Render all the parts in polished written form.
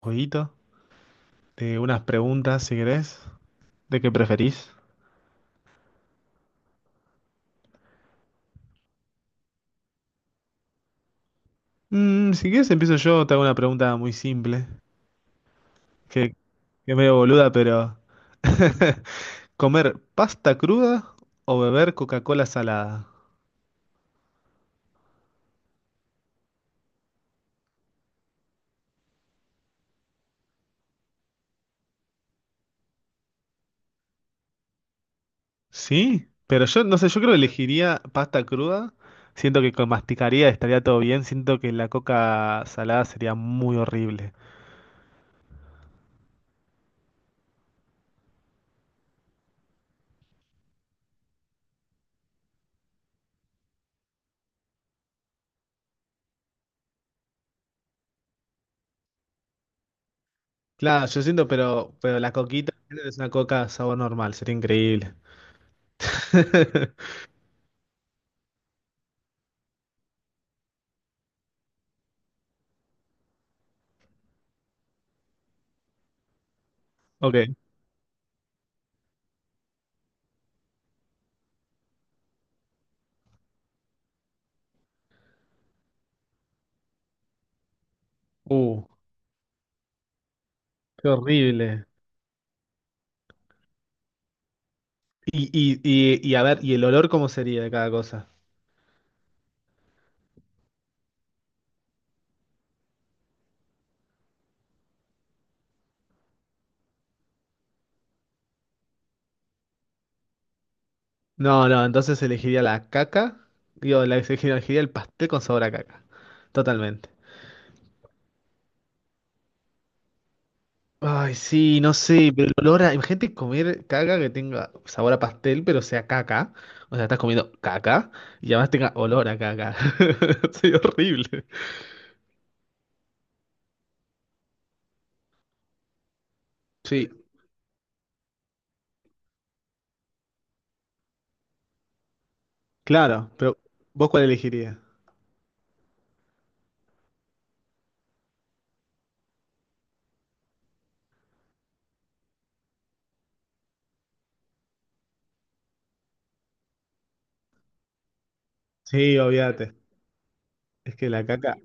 Jueguito de unas preguntas, si querés. ¿De qué preferís? Si querés, empiezo yo. Te hago una pregunta muy simple, que es medio boluda, pero... ¿Comer pasta cruda o beber Coca-Cola salada? Sí, pero yo no sé, yo creo que elegiría pasta cruda. Siento que con masticaría estaría todo bien. Siento que la coca salada sería muy horrible. Claro, yo siento, pero la coquita es una coca sabor normal, sería increíble. Ok. Uh. Qué horrible. Y a ver, ¿y el olor cómo sería de cada cosa? No, no, entonces elegiría la caca. Digo, la elegiría el pastel con sabor a caca. Totalmente. Ay, sí, no sé, pero el olor a... Imagínate comer caca que tenga sabor a pastel, pero sea caca. O sea, estás comiendo caca y además tenga olor a caca. Sería horrible. Sí, claro, pero ¿vos cuál elegirías? Sí, obviate. Es que la caca...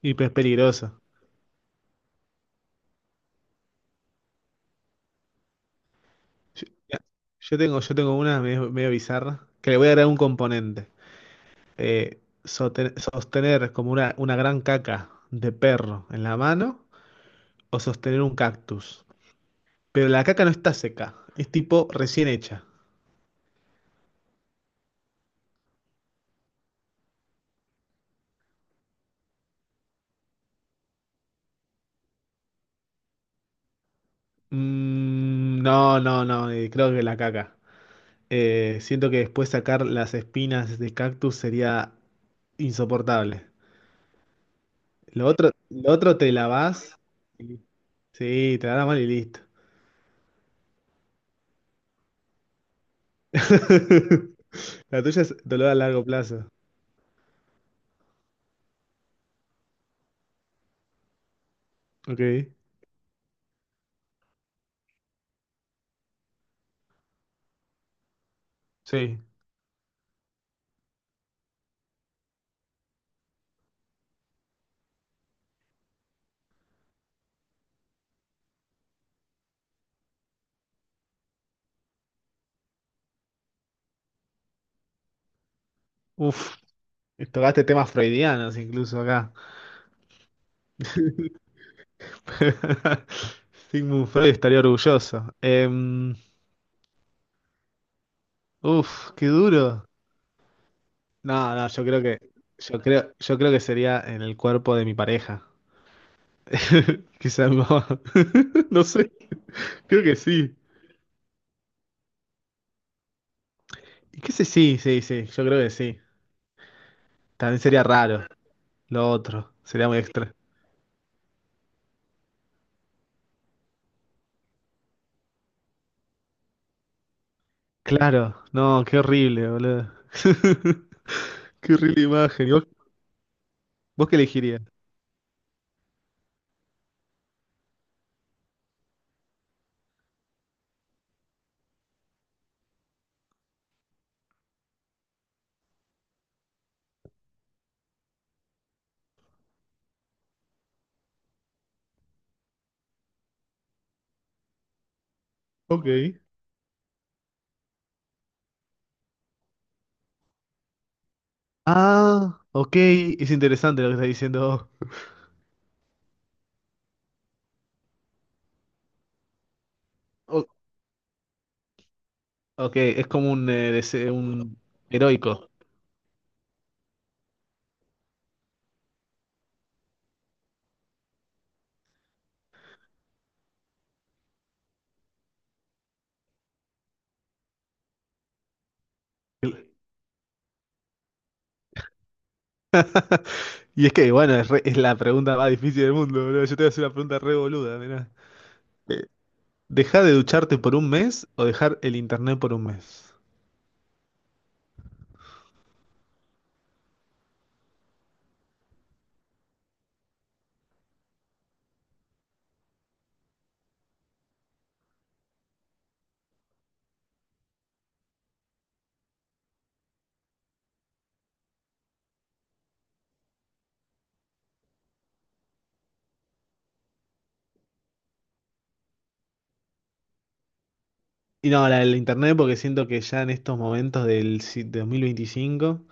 Y pues es peligroso. Yo, yo tengo una medio, medio bizarra, que le voy a agregar un componente. Sostener como una gran caca de perro en la mano o sostener un cactus. Pero la caca no está seca, es tipo recién hecha. No, no, no, creo que la caca. Siento que después sacar las espinas de cactus sería insoportable. Lo otro te lavas. Sí, te da mal y listo. La tuya es dolor a largo plazo. Ok. Sí. Uf. Tocaste temas freudianos incluso acá. Sigmund Freud estaría orgulloso. Uf, qué duro. No, no, yo creo que sería en el cuerpo de mi pareja. Quizás no. No sé, creo que sí. ¿Y qué sé? Sí, sí, sí, yo creo que sí. También sería raro. Lo otro, sería muy extra. Claro, no, qué horrible, boludo. Qué horrible imagen. ¿Y vos, vos qué elegirías? Ok. Ah, ok, es interesante lo que estás diciendo. O- ok, es como un, un heroico. Y es que, bueno, es, es la pregunta más difícil del mundo, boludo. Yo te voy a hacer una pregunta re boluda, mirá. Eh, ¿Dejar de ducharte por un mes o dejar el internet por un mes? Y no, la del internet, porque siento que ya en estos momentos del 2025,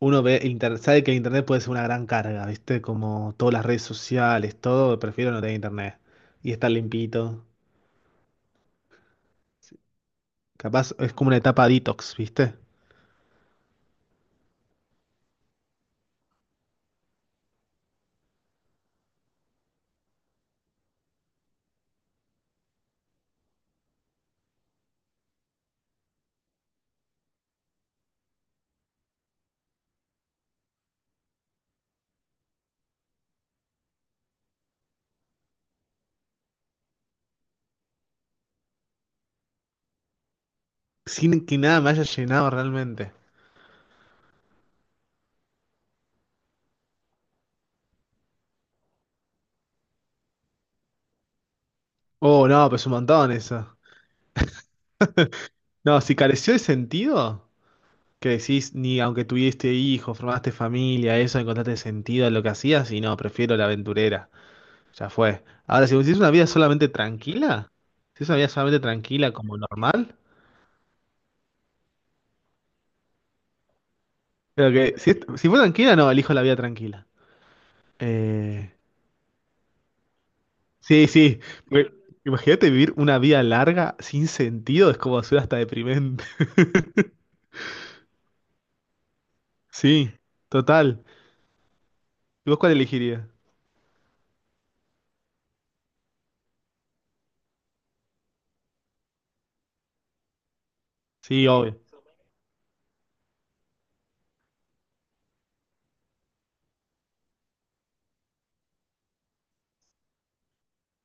uno ve sabe que el internet puede ser una gran carga, ¿viste? Como todas las redes sociales, todo, prefiero no tener internet y estar limpito. Capaz es como una etapa detox, ¿viste? Sin que nada me haya llenado realmente. Oh, no, pues un montón eso. No, si careció de sentido, que decís, ni aunque tuviste hijos, formaste familia, eso, encontraste sentido a lo que hacías, y no, prefiero la aventurera. Ya fue. Ahora, si es una vida solamente tranquila, si es una vida solamente tranquila como normal, creo que si, si fue tranquila, no, elijo la vida tranquila. Eh, sí, sí, porque imagínate vivir una vida larga sin sentido, es como ser hasta deprimente. Sí, total. ¿Y vos cuál elegirías? Sí, obvio.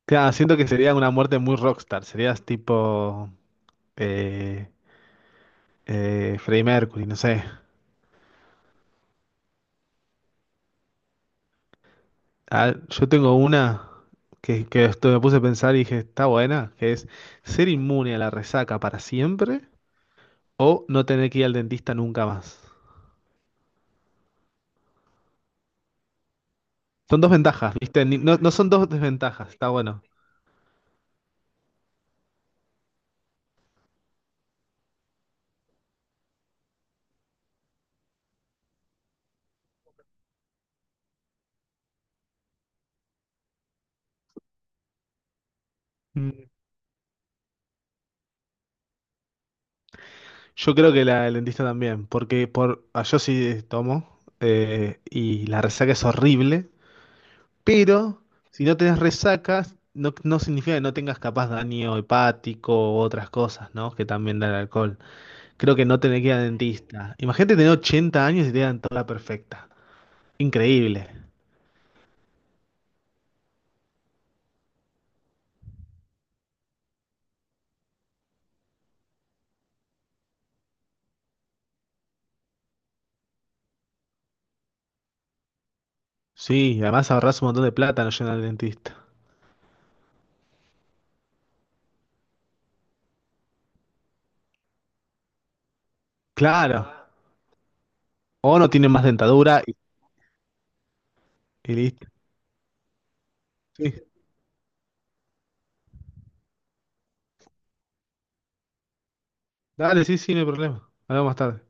Claro, siento que sería una muerte muy rockstar, serías tipo eh, Freddie Mercury, no sé. Ah, yo tengo una que esto me puse a pensar y dije, está buena, que es ser inmune a la resaca para siempre o no tener que ir al dentista nunca más. Son dos ventajas, ¿viste? No, no son dos desventajas, está bueno. Mm. Yo creo que la del dentista también, porque por, ah, yo sí tomo y la resaca es horrible, pero si no tenés resacas, no, no significa que no tengas capaz daño hepático u otras cosas, ¿no? Que también da el alcohol. Creo que no tener que ir al dentista. Imagínate tener 80 años y te dan toda perfecta. Increíble. Sí, y además ahorras un montón de plata no yendo al dentista. Claro. O no tienen más dentadura y listo. Sí. Dale, sí, sí, no hay problema. Hablamos más tarde.